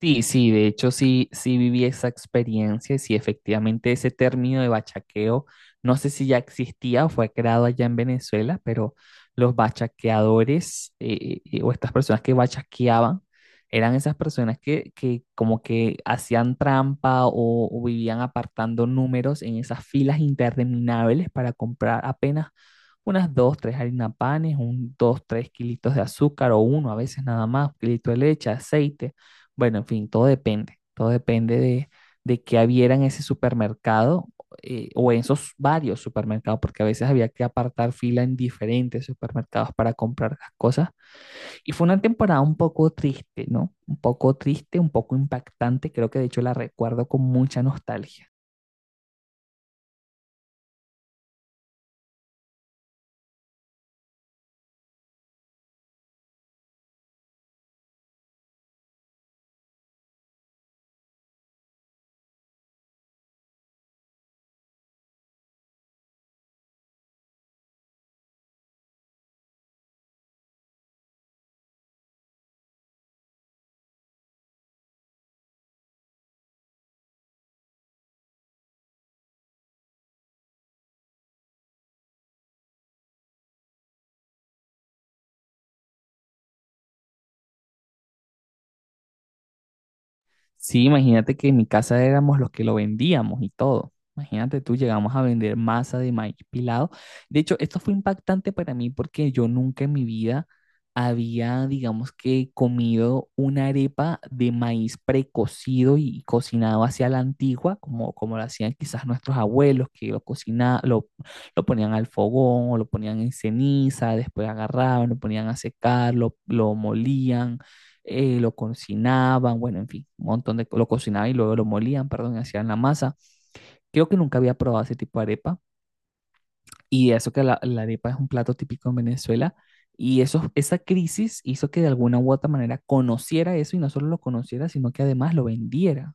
Sí, sí, de hecho sí, sí viví esa experiencia y sí, efectivamente ese término de bachaqueo, no sé si ya existía o fue creado allá en Venezuela, pero los bachaqueadores o estas personas que bachaqueaban eran esas personas que como que hacían trampa o vivían apartando números en esas filas interminables para comprar apenas unas dos, tres harina panes, un dos, tres kilitos de azúcar o uno a veces nada más, un kilito de leche, aceite, bueno, en fin, todo depende de qué hubiera en ese supermercado, o en esos varios supermercados, porque a veces había que apartar fila en diferentes supermercados para comprar las cosas. Y fue una temporada un poco triste, ¿no? Un poco triste, un poco impactante, creo que de hecho la recuerdo con mucha nostalgia. Sí, imagínate que en mi casa éramos los que lo vendíamos y todo. Imagínate tú, llegamos a vender masa de maíz pilado. De hecho, esto fue impactante para mí porque yo nunca en mi vida había, digamos que, comido una arepa de maíz precocido y cocinado hacia la antigua, como, como lo hacían quizás nuestros abuelos, que lo cocina, lo ponían al fogón o lo ponían en ceniza, después agarraban, lo ponían a secar, lo molían, lo cocinaban, bueno, en fin, un montón de, lo cocinaban y luego lo molían, perdón, y hacían la masa. Creo que nunca había probado ese tipo de arepa y eso que la arepa es un plato típico en Venezuela y eso, esa crisis hizo que de alguna u otra manera conociera eso y no solo lo conociera, sino que además lo vendiera.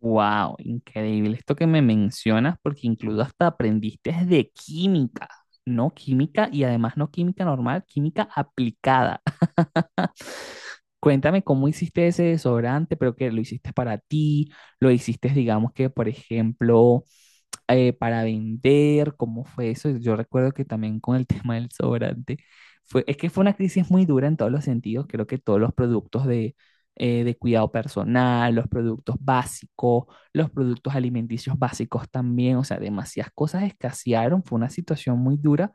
Wow, increíble esto que me mencionas porque incluso hasta aprendiste de química, no química y además no química normal, química aplicada. Cuéntame cómo hiciste ese desodorante, pero que lo hiciste para ti, lo hiciste, digamos que, por ejemplo, para vender, ¿cómo fue eso? Yo recuerdo que también con el tema del desodorante, fue, es que fue una crisis muy dura en todos los sentidos, creo que todos los productos de cuidado personal, los productos básicos, los productos alimenticios básicos también, o sea, demasiadas cosas escasearon, fue una situación muy dura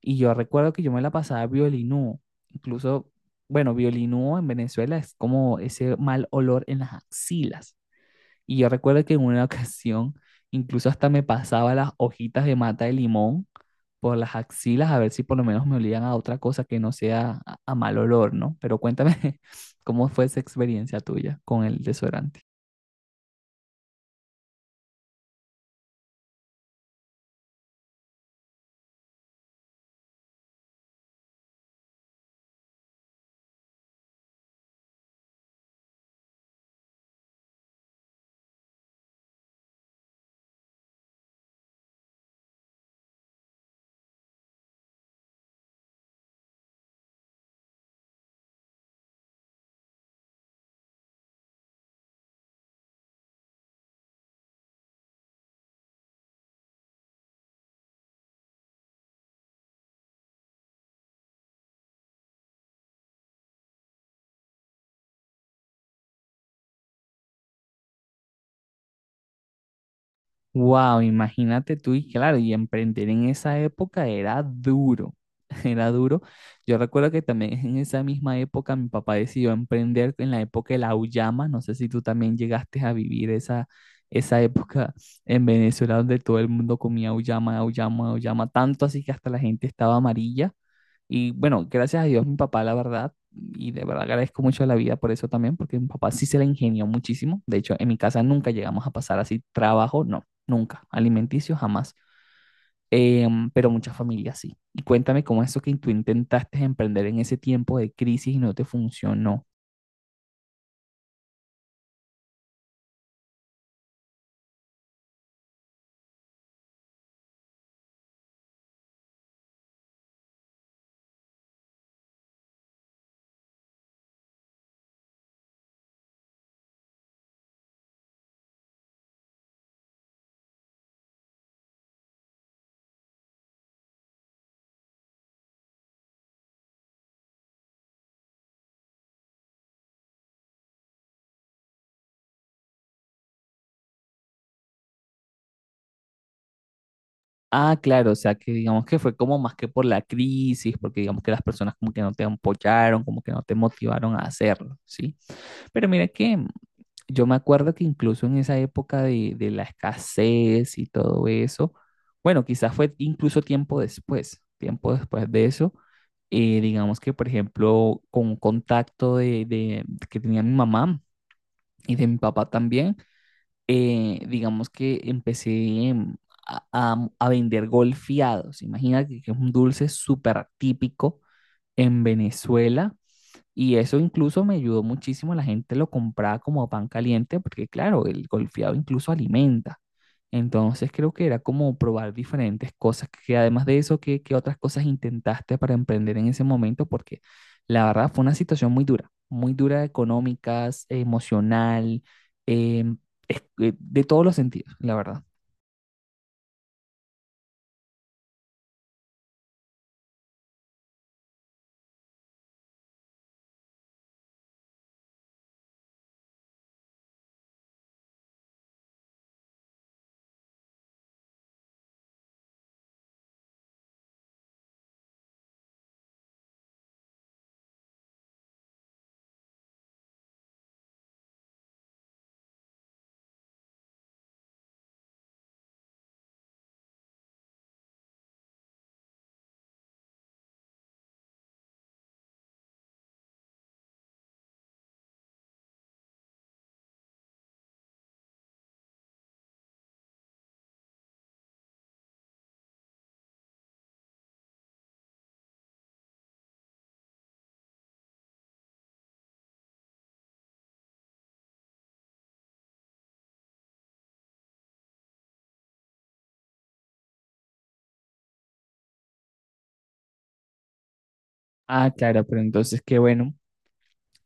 y yo recuerdo que yo me la pasaba violinúo. Incluso, bueno, violinúo en Venezuela es como ese mal olor en las axilas. Y yo recuerdo que en una ocasión, incluso hasta me pasaba las hojitas de mata de limón por las axilas a ver si por lo menos me olían a otra cosa que no sea a mal olor, ¿no? Pero cuéntame cómo fue esa experiencia tuya con el desodorante. Wow, imagínate tú y claro, y emprender en esa época era duro, era duro. Yo recuerdo que también en esa misma época mi papá decidió emprender en la época de la auyama, no sé si tú también llegaste a vivir esa, esa época en Venezuela donde todo el mundo comía auyama, auyama, auyama, tanto así que hasta la gente estaba amarilla. Y bueno, gracias a Dios, mi papá, la verdad, y de verdad agradezco mucho a la vida por eso también, porque mi papá sí se la ingenió muchísimo. De hecho, en mi casa nunca llegamos a pasar así trabajo, no, nunca, alimenticio jamás. Em, pero muchas familias sí. Y cuéntame cómo es eso que tú intentaste emprender en ese tiempo de crisis y no te funcionó. Ah, claro, o sea que digamos que fue como más que por la crisis, porque digamos que las personas como que no te apoyaron, como que no te motivaron a hacerlo, ¿sí? Pero mira que yo me acuerdo que incluso en esa época de la escasez y todo eso, bueno, quizás fue incluso tiempo después de eso, digamos que por ejemplo con un contacto que tenía mi mamá y de mi papá también, digamos que empecé, a vender golfeados. Imagínate que es un dulce súper típico en Venezuela y eso incluso me ayudó muchísimo. La gente lo compraba como pan caliente porque, claro, el golfeado incluso alimenta. Entonces creo que era como probar diferentes cosas. Que además de eso, ¿qué, qué otras cosas intentaste para emprender en ese momento? Porque la verdad fue una situación muy dura económicas, emocional, em, de todos los sentidos, la verdad. Ah, claro, pero entonces qué bueno.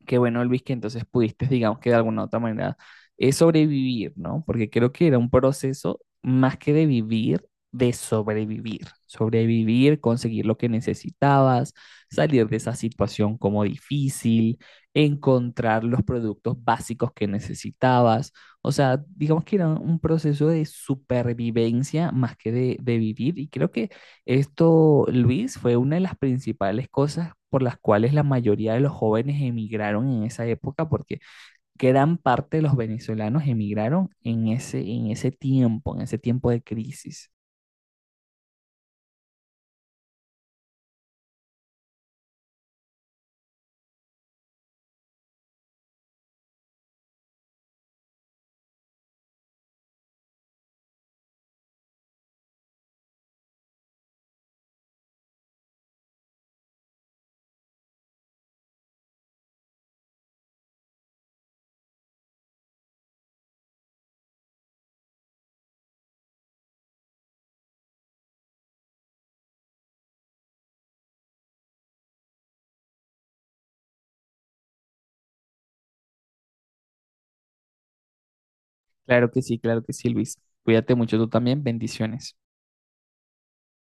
Qué bueno, Luis, que entonces pudiste, digamos que de alguna u otra manera, sobrevivir, ¿no? Porque creo que era un proceso más que de vivir, de sobrevivir. Sobrevivir, conseguir lo que necesitabas, salir de esa situación como difícil, encontrar los productos básicos que necesitabas. O sea, digamos que era un proceso de supervivencia más que de vivir y creo que esto, Luis, fue una de las principales cosas por las cuales la mayoría de los jóvenes emigraron en esa época, porque gran parte de los venezolanos emigraron en ese tiempo de crisis. Claro que sí, Luis. Cuídate mucho tú también. Bendiciones.